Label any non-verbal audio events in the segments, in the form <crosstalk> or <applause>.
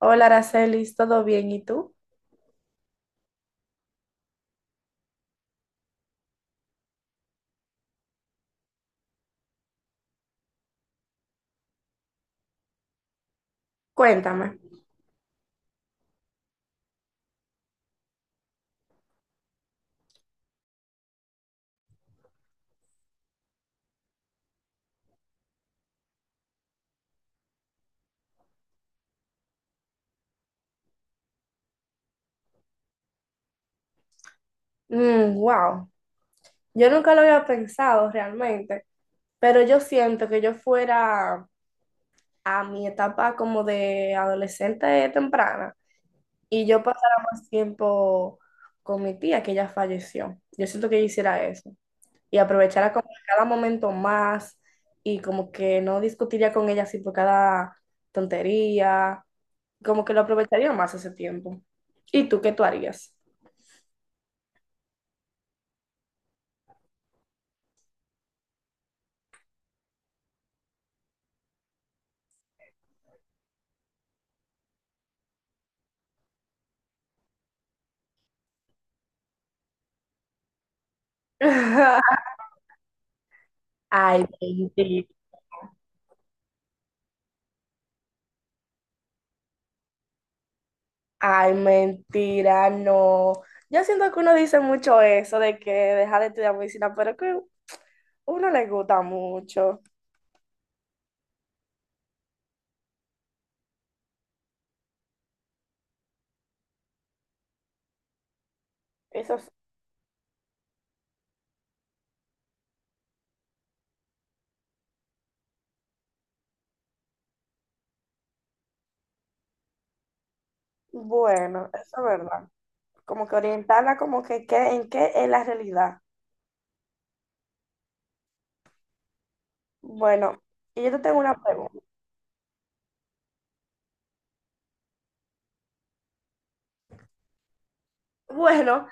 Hola, Aracelis, ¿todo bien? ¿Y tú? Cuéntame. Wow, yo nunca lo había pensado realmente, pero yo siento que yo fuera a mi etapa como de adolescente temprana y yo pasara más tiempo con mi tía que ella falleció. Yo siento que yo hiciera eso y aprovechara como cada momento más y como que no discutiría con ella así por cada tontería, como que lo aprovecharía más ese tiempo. ¿Y tú qué tú harías? <laughs> Ay, mentira, ay, mentira, no. Yo siento que uno dice mucho eso de que deja de estudiar medicina, pero que uno le gusta mucho. Eso es bueno, eso es verdad. Como que orientarla como que qué, en qué es la realidad. Bueno, y yo te tengo una pregunta. Bueno,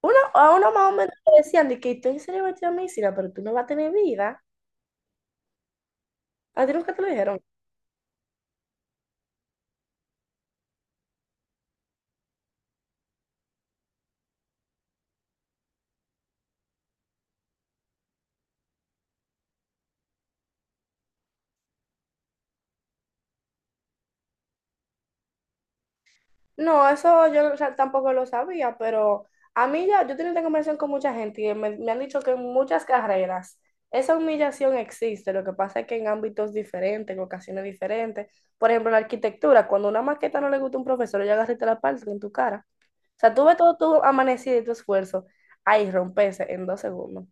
uno, a uno más o menos le decían de que tú en serio vas a estudiar medicina, pero tú no vas a tener vida. ¿A ti nunca te lo dijeron? No, eso yo o sea, tampoco lo sabía, pero a mí ya, yo tengo esta conversación con mucha gente y me han dicho que en muchas carreras esa humillación existe, lo que pasa es que en ámbitos diferentes, en ocasiones diferentes, por ejemplo, en la arquitectura, cuando una maqueta no le gusta a un profesor, ya agarraste la parte en tu cara. O sea, tú ves todo tu amanecido y tu esfuerzo, ahí rompese en 2 segundos.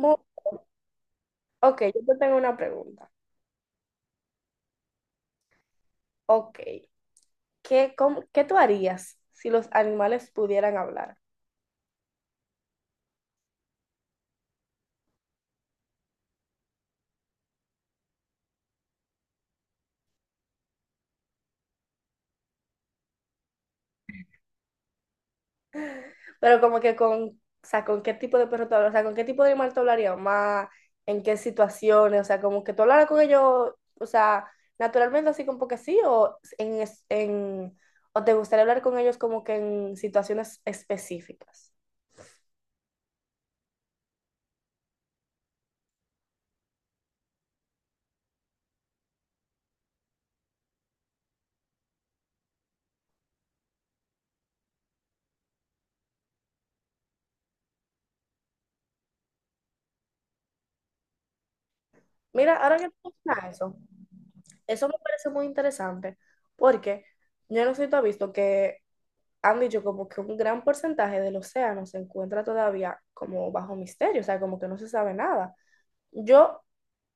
Mo, ok, yo te tengo una pregunta. Ok, ¿qué, cómo- qué tú harías si los animales pudieran hablar? Pero como que con, o sea, ¿con qué tipo de perro tú hablas? O sea, ¿con qué tipo de animal tú hablarías más? ¿En qué situaciones? O sea, como que tú hablaras con ellos, o sea, naturalmente así como que sí, o, en, es- en, o te gustaría hablar con ellos como que en situaciones específicas. Mira, ahora que tú mencionas eso, eso me parece muy interesante, porque yo no sé si tú has visto que han dicho como que un gran porcentaje del océano se encuentra todavía como bajo misterio, o sea, como que no se sabe nada. Yo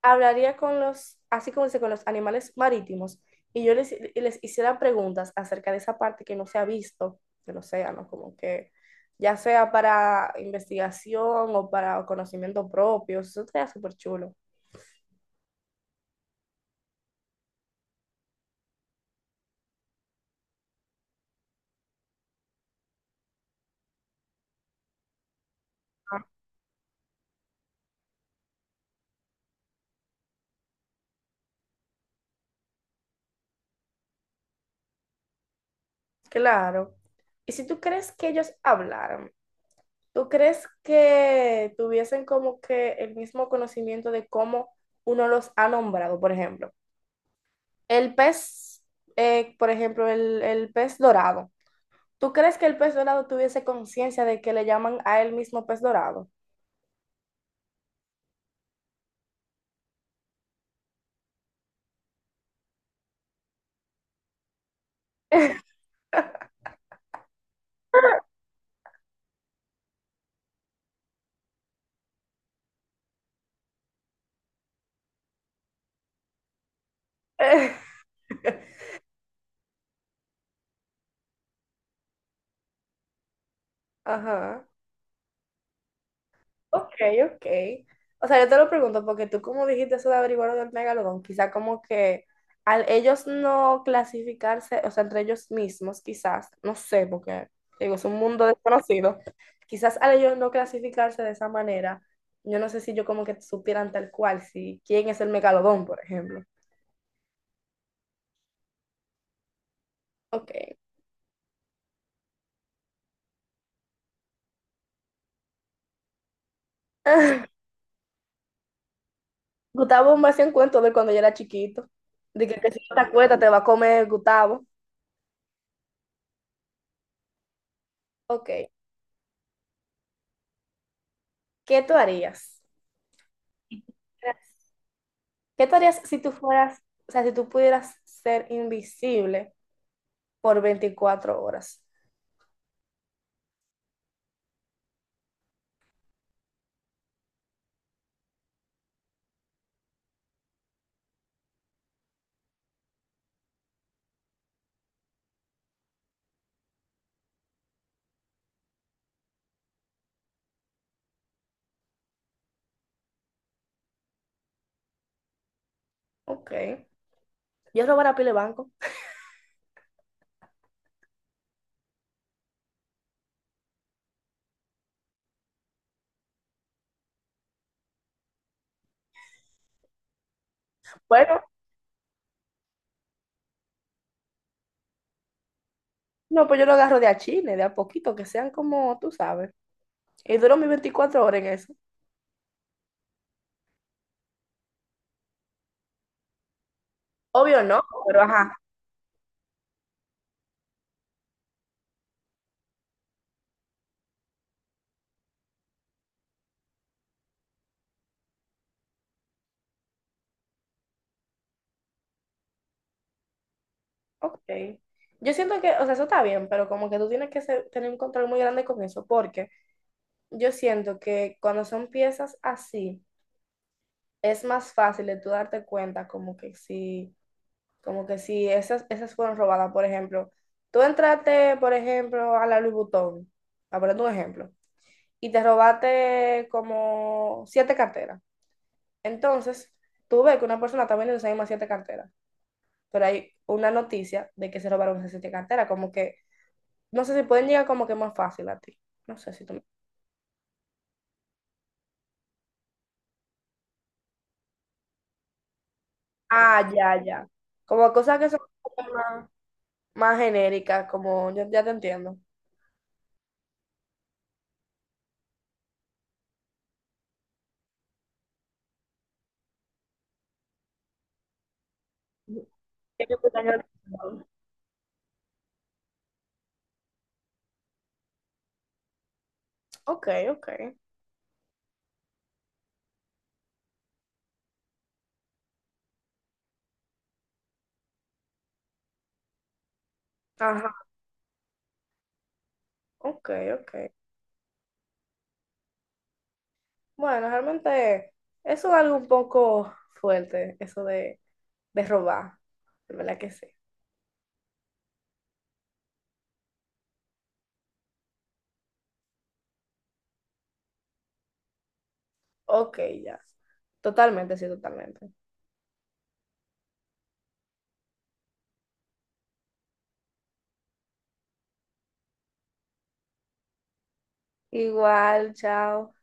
hablaría con los, así como dice, con los animales marítimos y yo les, les hiciera preguntas acerca de esa parte que no se ha visto del océano, como que ya sea para investigación o para conocimiento propio, eso sería súper chulo. Ah, claro. Y si tú crees que ellos hablaran, ¿tú crees que tuviesen como que el mismo conocimiento de cómo uno los ha nombrado? Por ejemplo, el pez, por ejemplo, el pez dorado. ¿Tú crees que el pez dorado tuviese conciencia de que le llaman a él mismo pez dorado? <laughs> Ajá. Ok, ok. O sea, yo te lo pregunto porque tú como dijiste eso de averiguar lo del megalodón, quizá como que al ellos no clasificarse, o sea, entre ellos mismos, quizás, no sé, porque te digo, es un mundo desconocido, quizás al ellos no clasificarse de esa manera, yo no sé si yo como que supieran tal cual, si quién es el megalodón, por ejemplo. Ok. <laughs> Gustavo me hacía un cuento de cuando yo era chiquito. De que si no te acuestas te va a comer Gustavo. Ok, ¿qué tú harías? ¿Qué tú harías si tú fueras, o sea, si tú pudieras ser invisible por 24 horas? Ok. Yo robara pile banco. Bueno, no, pues yo lo agarro de a chile, de a poquito, que sean como tú sabes. Y duro mis 24 horas en eso. Obvio no, pero ajá. Ok. Yo siento que, o sea, eso está bien, pero como que tú tienes que ser- tener un control muy grande con eso, porque yo siento que cuando son piezas así, es más fácil de tú darte cuenta como que si esas fueron robadas, por ejemplo. Tú entraste, por ejemplo, a la Louis Vuitton, a poner un ejemplo, y te robaste como 7 carteras. Entonces, tú ves que una persona está vendiendo esas mismas 7 carteras, pero hay una noticia de que se robaron esas 7 carteras, como que, no sé si pueden llegar como que más fácil a ti. No sé si tú... me- Ah, ya, ya. Como cosas que son... más genérica, como ya, ya te entiendo. Ellos que están al- Ok, ok. Ajá, ok, ok. Bueno, realmente eso es algo un poco fuerte, eso de robar, de verdad que sí. Ok, ya. Totalmente, sí, totalmente. Igual, chao.